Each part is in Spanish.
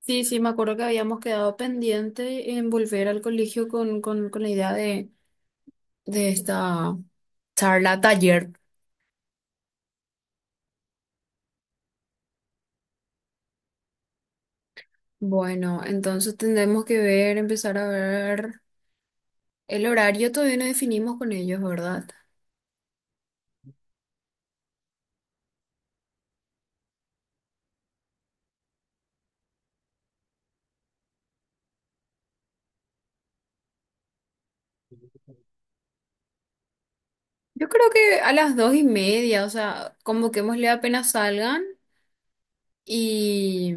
Sí, sí, me acuerdo que habíamos quedado pendiente en volver al colegio con la idea de esta charla taller. Bueno, entonces tendremos que ver, empezar a ver el horario, todavía no definimos con ellos, ¿verdad? Yo creo que a las 2:30, o sea, convoquémosle apenas salgan y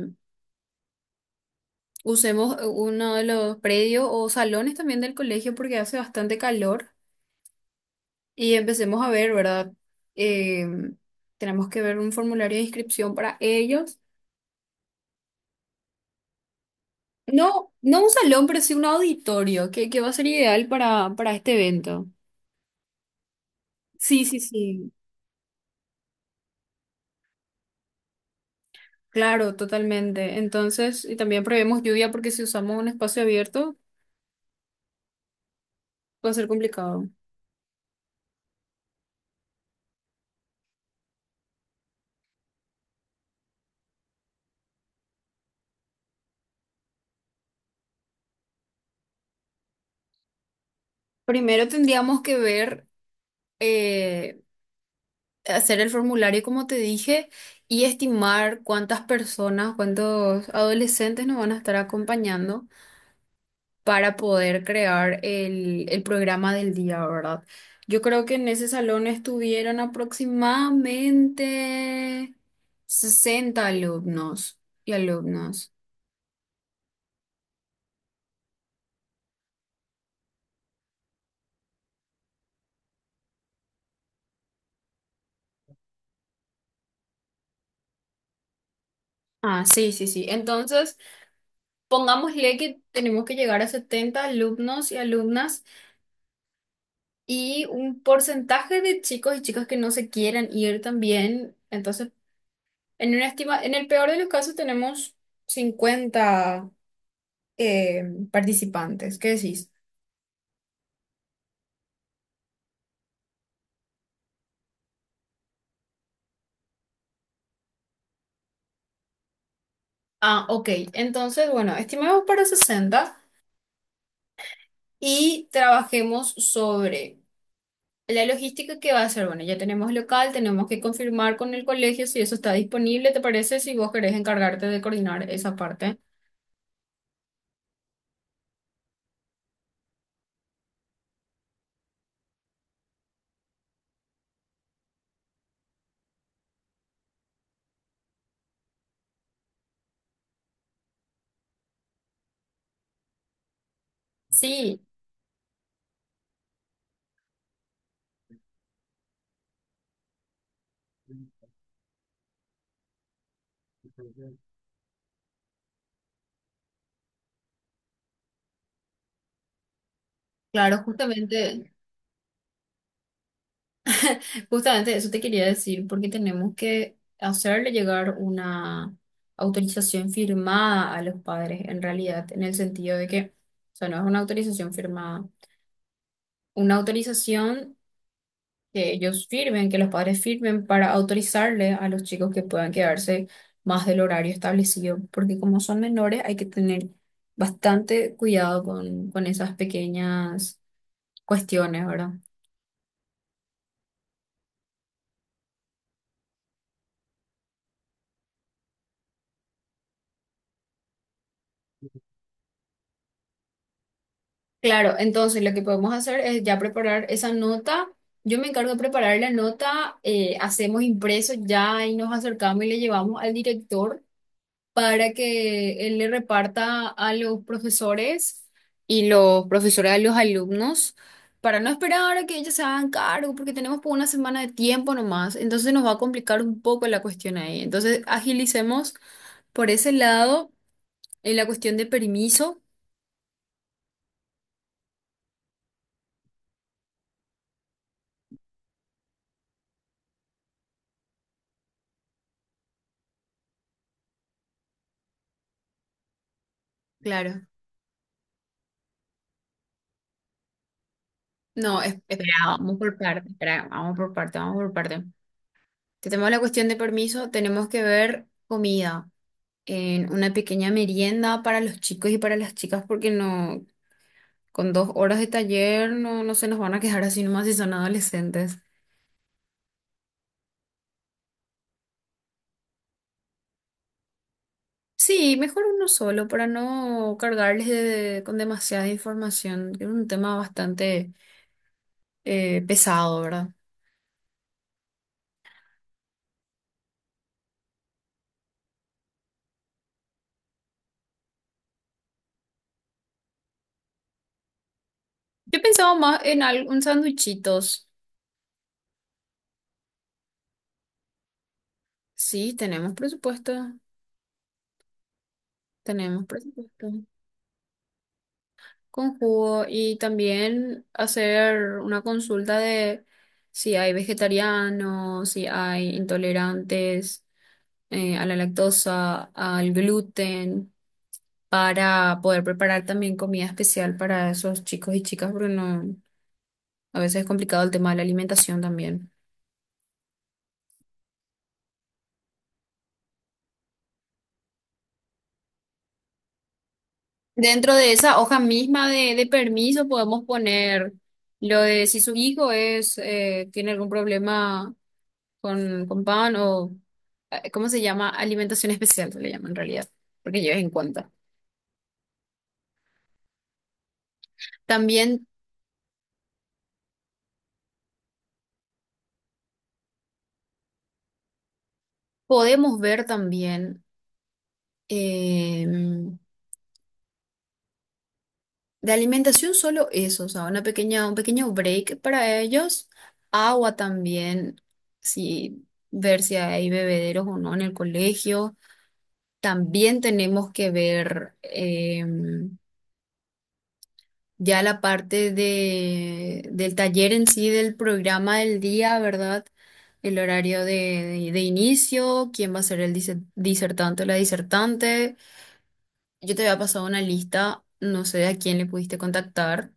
usemos uno de los predios o salones también del colegio porque hace bastante calor. Y empecemos a ver, ¿verdad? Eh, Tenemos que ver un formulario de inscripción para ellos. No, no un salón, pero sí un auditorio, que va a ser ideal para este evento. Sí, sí, sí. Claro, totalmente. Entonces, y también prevemos lluvia porque si usamos un espacio abierto va a ser complicado. Primero tendríamos que ver, eh, hacer el formulario, como te dije, y estimar cuántas personas, cuántos adolescentes nos van a estar acompañando, para poder crear el programa del día, ¿verdad? Yo creo que en ese salón estuvieron aproximadamente 60 alumnos y alumnas. Ah, sí, sí, sí. Entonces, pongámosle que tenemos que llegar a 70 alumnos y alumnas y un porcentaje de chicos y chicas que no se quieran ir también. Entonces, en una estima, en el peor de los casos tenemos 50 eh, participantes. ¿Qué decís? Ah, ok. Entonces, bueno, estimemos para 60 y trabajemos sobre la logística que va a ser. Bueno, ya tenemos local, tenemos que confirmar con el colegio si eso está disponible, ¿te parece? Si vos querés encargarte de coordinar esa parte. Sí, claro, justamente eso te quería decir, porque tenemos que hacerle llegar una autorización firmada a los padres, en realidad, en el sentido de que, o sea, no es una autorización firmada, una autorización que ellos firmen, que los padres firmen para autorizarle a los chicos que puedan quedarse más del horario establecido, porque como son menores hay que tener bastante cuidado con esas pequeñas cuestiones, ¿verdad? Claro, entonces lo que podemos hacer es ya preparar esa nota. Yo me encargo de preparar la nota, hacemos impreso ya y nos acercamos y le llevamos al director, para que él le reparta a los profesores y los profesores a los alumnos, para no esperar a que ellos se hagan cargo, porque tenemos por una semana de tiempo nomás, entonces nos va a complicar un poco la cuestión ahí. Entonces, agilicemos por ese lado en la cuestión de permiso. Claro. No, espera, vamos por parte, espera, vamos por parte, vamos por parte. Si tenemos la cuestión de permiso, tenemos que ver comida en una pequeña merienda para los chicos y para las chicas, porque no. Con 2 horas de taller no, no se nos van a quejar así nomás si son adolescentes. Sí, mejor uno solo para no cargarles con demasiada información, que es un tema bastante pesado, ¿verdad? Yo pensaba más en algún sándwichitos. Sí, tenemos presupuesto. Tenemos presupuesto, con jugo y también hacer una consulta de si hay vegetarianos, si hay intolerantes, a la lactosa, al gluten, para poder preparar también comida especial para esos chicos y chicas, porque no, a veces es complicado el tema de la alimentación también. Dentro de esa hoja misma de permiso podemos poner lo de si su hijo es tiene algún problema con pan o ¿cómo se llama? Alimentación especial se le llama en realidad, porque lleves en cuenta. También podemos ver también de alimentación solo eso, o sea, una pequeña, un pequeño break para ellos, agua también, si ver si hay bebederos o no en el colegio. También tenemos que ver ya la parte del taller en sí, del programa del día, ¿verdad? El horario de inicio, quién va a ser el disertante o la disertante. Yo te había pasado una lista, no sé a quién le pudiste contactar.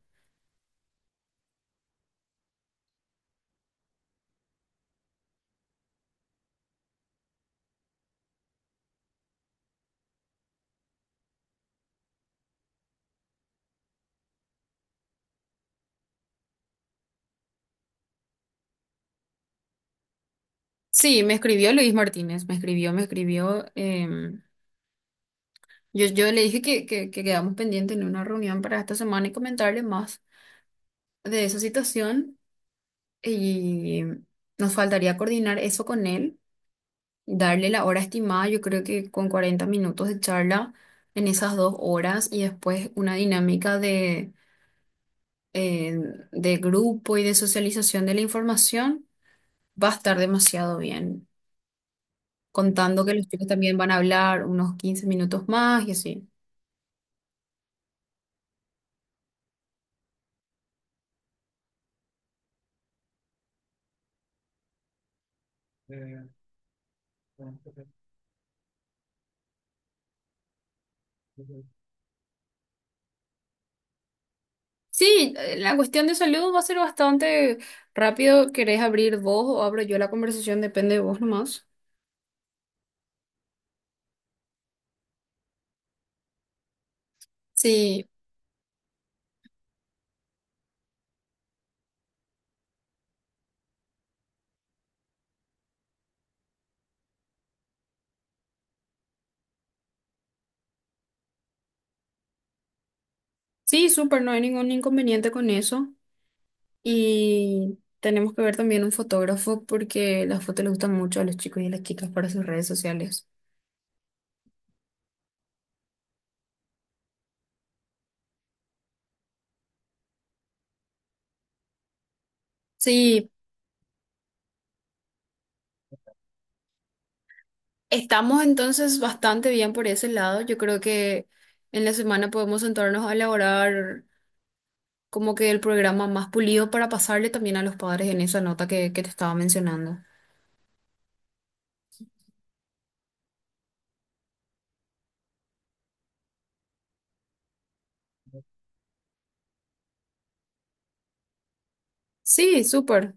Sí, me escribió Luis Martínez. Me escribió, me escribió. em, yo, yo le dije que quedamos pendientes en una reunión para esta semana y comentarle más de esa situación. Y nos faltaría coordinar eso con él, darle la hora estimada, yo creo que con 40 minutos de charla en esas 2 horas y después una dinámica eh, de grupo y de socialización de la información, va a estar demasiado bien. Contando que los chicos también van a hablar unos 15 minutos más y así. Sí, la cuestión de salud va a ser bastante rápido. ¿Querés abrir vos o abro yo la conversación? Depende de vos nomás. Sí, sí, súper, no hay ningún inconveniente con eso. Y tenemos que ver también un fotógrafo porque las fotos les gustan mucho a los chicos y a las chicas para sus redes sociales. Sí, estamos entonces bastante bien por ese lado. Yo creo que en la semana podemos sentarnos a elaborar como que el programa más pulido para pasarle también a los padres en esa nota que te estaba mencionando. Sí, súper.